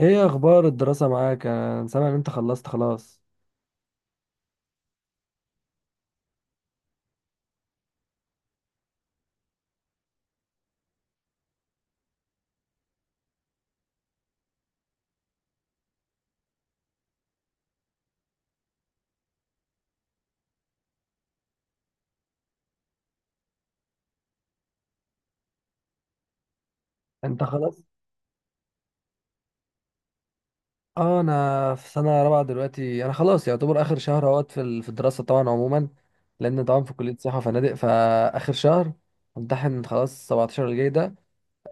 ايه اخبار الدراسة معاك؟ انا سامع ان انت خلصت خلاص. انت خلاص؟ اه، انا في سنة رابعة دلوقتي. انا خلاص يعتبر اخر شهر اهوت في الدراسة طبعا عموما. لان طبعا في كلية سياحة وفنادق فاخر شهر، امتحن خلاص 17 الجاي ده.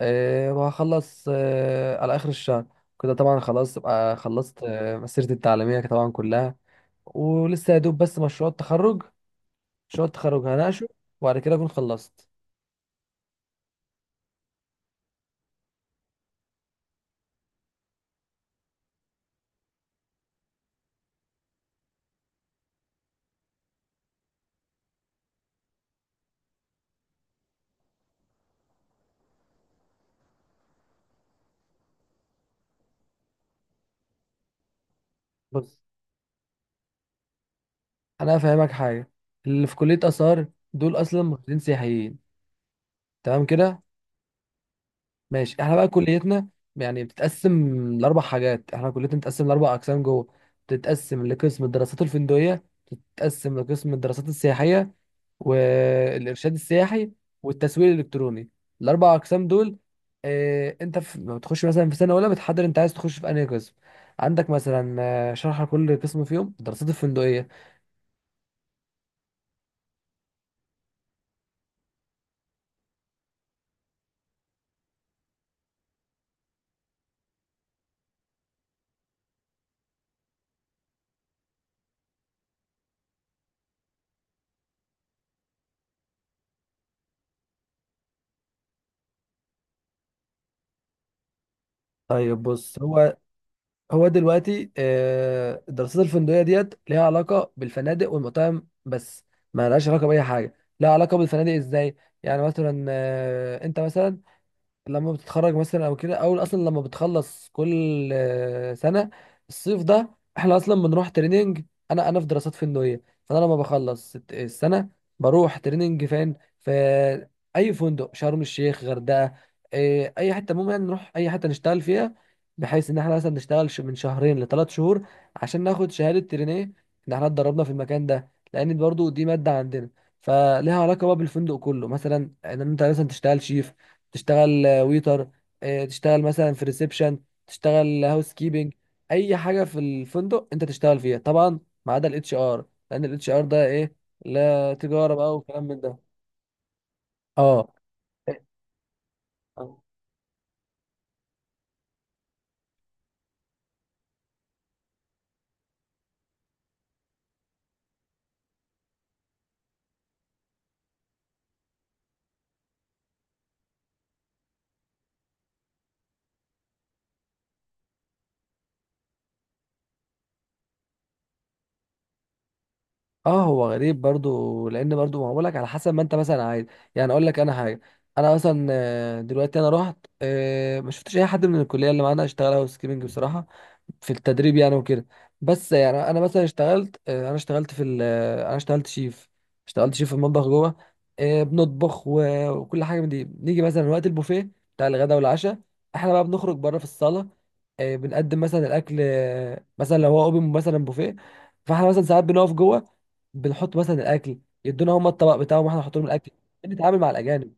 وهخلص على اخر الشهر. كده طبعا خلاص ابقى خلصت مسيرتي التعليمية طبعا كلها. ولسه يا دوب بس مشروع التخرج، مشروع التخرج هناقشه، وبعد كده اكون خلصت. بص انا هفهمك حاجه، اللي في كليه اثار دول اصلا مهندسين سياحيين، تمام كده؟ ماشي، احنا بقى كليتنا يعني بتتقسم لاربع حاجات. احنا كليتنا بتتقسم لاربع اقسام جوه، بتتقسم لقسم الدراسات الفندقيه، بتتقسم لقسم الدراسات السياحيه والارشاد السياحي والتسويق الالكتروني، الاربع اقسام دول. اه، انت لما بتخش مثلا في سنه اولى بتحدد انت عايز تخش في انهي قسم. عندك مثلا شرح كل قسم فيهم. الدراسات الفندقيه، طيب بص، هو دلوقتي الدراسات الفندقيه ديت ليها علاقه بالفنادق والمطاعم بس. ما لهاش علاقه باي حاجه. لها علاقه بالفنادق ازاي؟ يعني مثلا انت مثلا لما بتتخرج مثلا او كده، او اصلا لما بتخلص كل سنه، الصيف ده، احنا اصلا بنروح تريننج. انا في دراسات فندقيه، فانا لما بخلص السنه، بروح تريننج فين؟ في اي فندق، شرم الشيخ، غردقه، اي حته، المهم يعني نروح اي حته نشتغل فيها. بحيث ان احنا مثلا نشتغل من شهرين لثلاث شهور عشان ناخد شهاده ترينيه ان احنا اتدربنا في المكان ده، لان برضو دي ماده عندنا. فليها علاقه بقى بالفندق كله مثلا، ان انت مثلا تشتغل شيف، تشتغل ويتر، تشتغل مثلا في ريسبشن، تشتغل هاوس كيبنج، اي حاجه في الفندق انت تشتغل فيها طبعا، ما عدا الاتش ار. لان الاتش ار ده ايه؟ لا، تجاره بقى وكلام من ده. اه، اه، هو غريب برضو لان برضو ما بقولك على حسب ما انت مثلا عايز. يعني اقول لك انا حاجه، انا مثلا دلوقتي انا رحت، ما شفتش اي حد من الكليه اللي معانا اشتغل هاوس كيبنج بصراحه، في التدريب يعني وكده. بس يعني انا مثلا اشتغلت آه، انا اشتغلت في ال- آه، انا اشتغلت شيف، اشتغلت شيف في المطبخ جوه، بنطبخ وكل حاجه من دي. نيجي مثلا وقت البوفيه بتاع الغداء والعشاء، احنا بقى بنخرج بره في الصاله، بنقدم مثلا الاكل. مثلا لو هو اوبن مثلا بوفيه، فاحنا مثلا ساعات بنقف جوه بنحط مثلا الاكل، يدونا هم الطبق بتاعهم واحنا نحط لهم الاكل، بنتعامل مع الاجانب.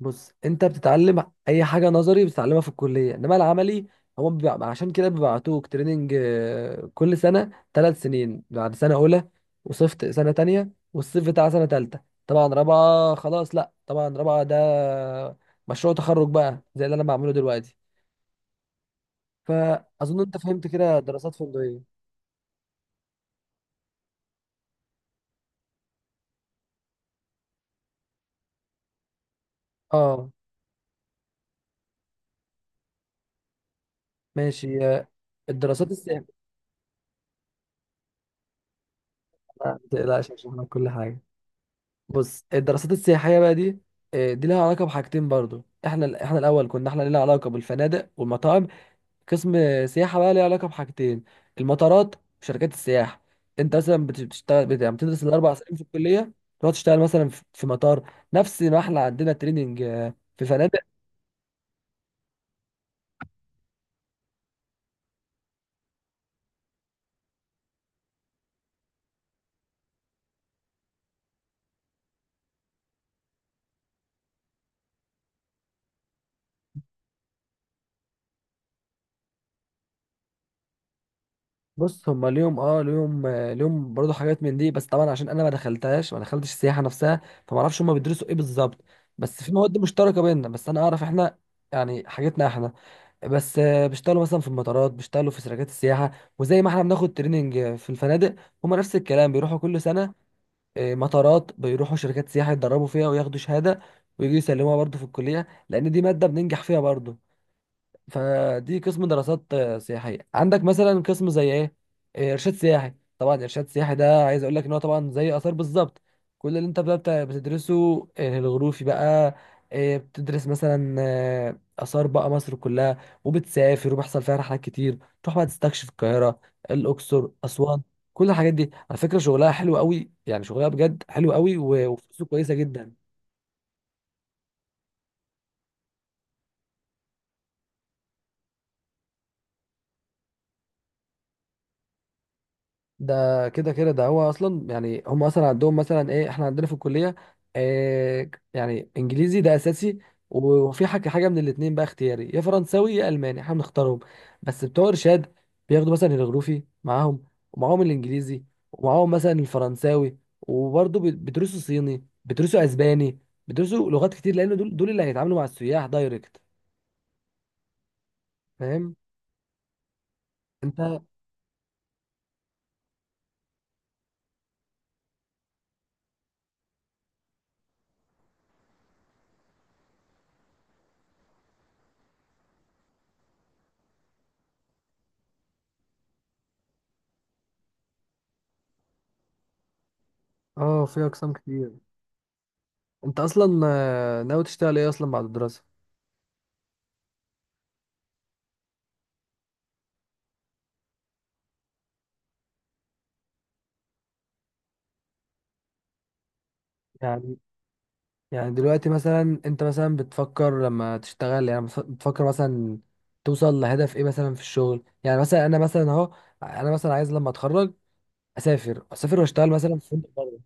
بص، انت بتتعلم اي حاجه نظري بتتعلمها في الكليه، انما العملي هو بيبقى عشان كده بيبعتوك تريننج كل سنه، ثلاث سنين بعد سنه اولى، وصيف سنه تانية، والصيف بتاع سنه تالتة. طبعا رابعه خلاص، لا طبعا رابعه ده مشروع تخرج بقى زي اللي انا بعمله دلوقتي. فاظن انت فهمت كده دراسات فندقيه. اه ماشي، الدراسات السياسيه، ما تقلقش هشرح لك كل حاجه. بص الدراسات السياحيه بقى دي، دي لها علاقه بحاجتين برضو. احنا الاول كنا احنا لنا علاقه بالفنادق والمطاعم، قسم سياحه بقى ليه علاقه بحاجتين، المطارات وشركات السياحه. انت مثلا بتشتغل يعني بتدرس الاربع سنين في الكليه، تقعد تشتغل مثلا في مطار نفس ما احنا عندنا تريننج في فنادق. بص، هم ليهم اه ليهم آه، ليهم برضو حاجات من دي، بس طبعا عشان انا ما دخلتهاش ما دخلتش السياحه نفسها، فما اعرفش هم بيدرسوا ايه بالظبط. بس في مواد مشتركه بيننا، بس انا اعرف احنا يعني حاجتنا احنا. بس بيشتغلوا مثلا في المطارات، بيشتغلوا في شركات السياحه، وزي ما احنا بناخد تريننج في الفنادق، هم نفس الكلام بيروحوا كل سنه مطارات، بيروحوا شركات سياحه يتدربوا فيها وياخدوا شهاده ويجوا يسلموها برضو في الكليه، لان دي ماده بننجح فيها برضو. فدي قسم دراسات سياحيه. عندك مثلا قسم زي ايه، ارشاد سياحي. طبعا ارشاد سياحي ده عايز اقول لك ان هو طبعا زي اثار بالظبط. كل اللي انت بقى بتدرسه الغروفي بقى، بتدرس مثلا اثار بقى مصر كلها، وبتسافر وبيحصل فيها رحلات كتير، تروح بقى تستكشف القاهره، الاقصر، اسوان. كل الحاجات دي على فكره شغلها حلو قوي، يعني شغلها بجد حلو قوي، وفلوسه كويسه جدا. ده كده كده ده هو اصلا، يعني هم اصلا عندهم مثلا ايه احنا عندنا في الكليه، إيه يعني انجليزي ده اساسي، وفي حاجه من الاتنين بقى اختياري، يا فرنساوي يا الماني احنا بنختارهم. بس بتوع ارشاد بياخدوا مثلا الجغرافي معاهم، ومعاهم الانجليزي، ومعاهم مثلا الفرنساوي، وبرضه بيدرسوا صيني، بيدرسوا اسباني، بيدرسوا لغات كتير، لان دول اللي هيتعاملوا مع السياح دايركت، فاهم انت؟ اه، في اقسام كتير. انت اصلا ناوي تشتغل ايه اصلا بعد الدراسه؟ يعني دلوقتي مثلا، انت مثلا بتفكر لما تشتغل يعني بتفكر مثلا توصل لهدف ايه مثلا في الشغل؟ يعني مثلا انا مثلا اهو، انا مثلا عايز لما اتخرج اسافر واشتغل مثلا في فندق بره.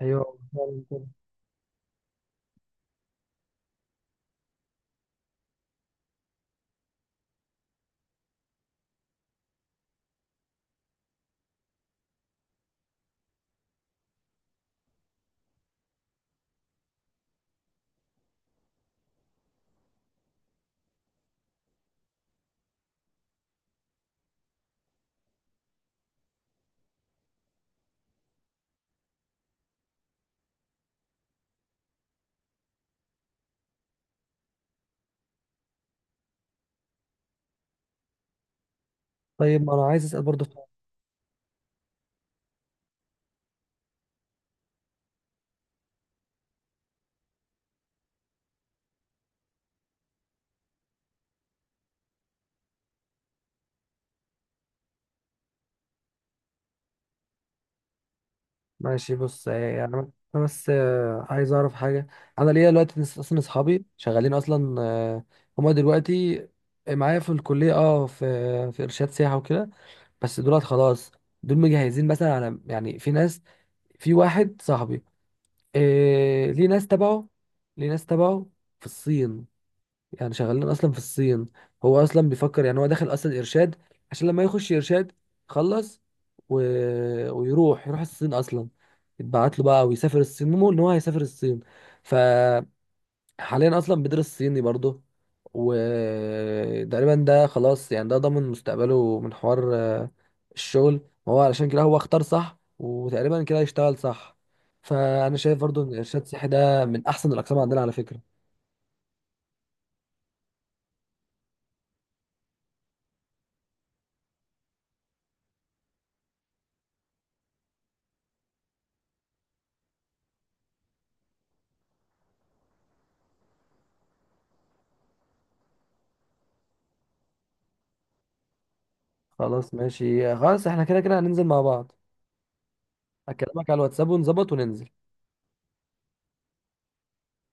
ايوه فعلا كده. طيب ما انا عايز اسال برضه ماشي، بص، يعني انا بس عايز اعرف حاجه. انا ليا دلوقتي اصلا اصحابي شغالين اصلا، هما دلوقتي معايا في الكليه. اه، في ارشاد سياحه وكده. بس دولت خلاص، دول مجهزين مثلا، على يعني في ناس، في واحد صاحبي، إيه ليه ناس تبعه في الصين، يعني شغالين اصلا في الصين. هو اصلا بيفكر، يعني هو داخل اصلا ارشاد عشان لما يخش ارشاد خلص، و... ويروح الصين اصلا، يتبعت له بقى ويسافر الصين، مو ان هو هيسافر الصين. ف حاليا اصلا بيدرس صيني برضه، وتقريبا ده خلاص يعني ده ضامن مستقبله من حوار الشغل. هو علشان كده هو اختار صح، وتقريبا كده يشتغل صح. فانا شايف برضه ان ارشاد صحي ده من احسن الاقسام عندنا على فكره. خلاص ماشي، خلاص احنا كده كده هننزل مع بعض. هكلمك على الواتساب ونظبط وننزل.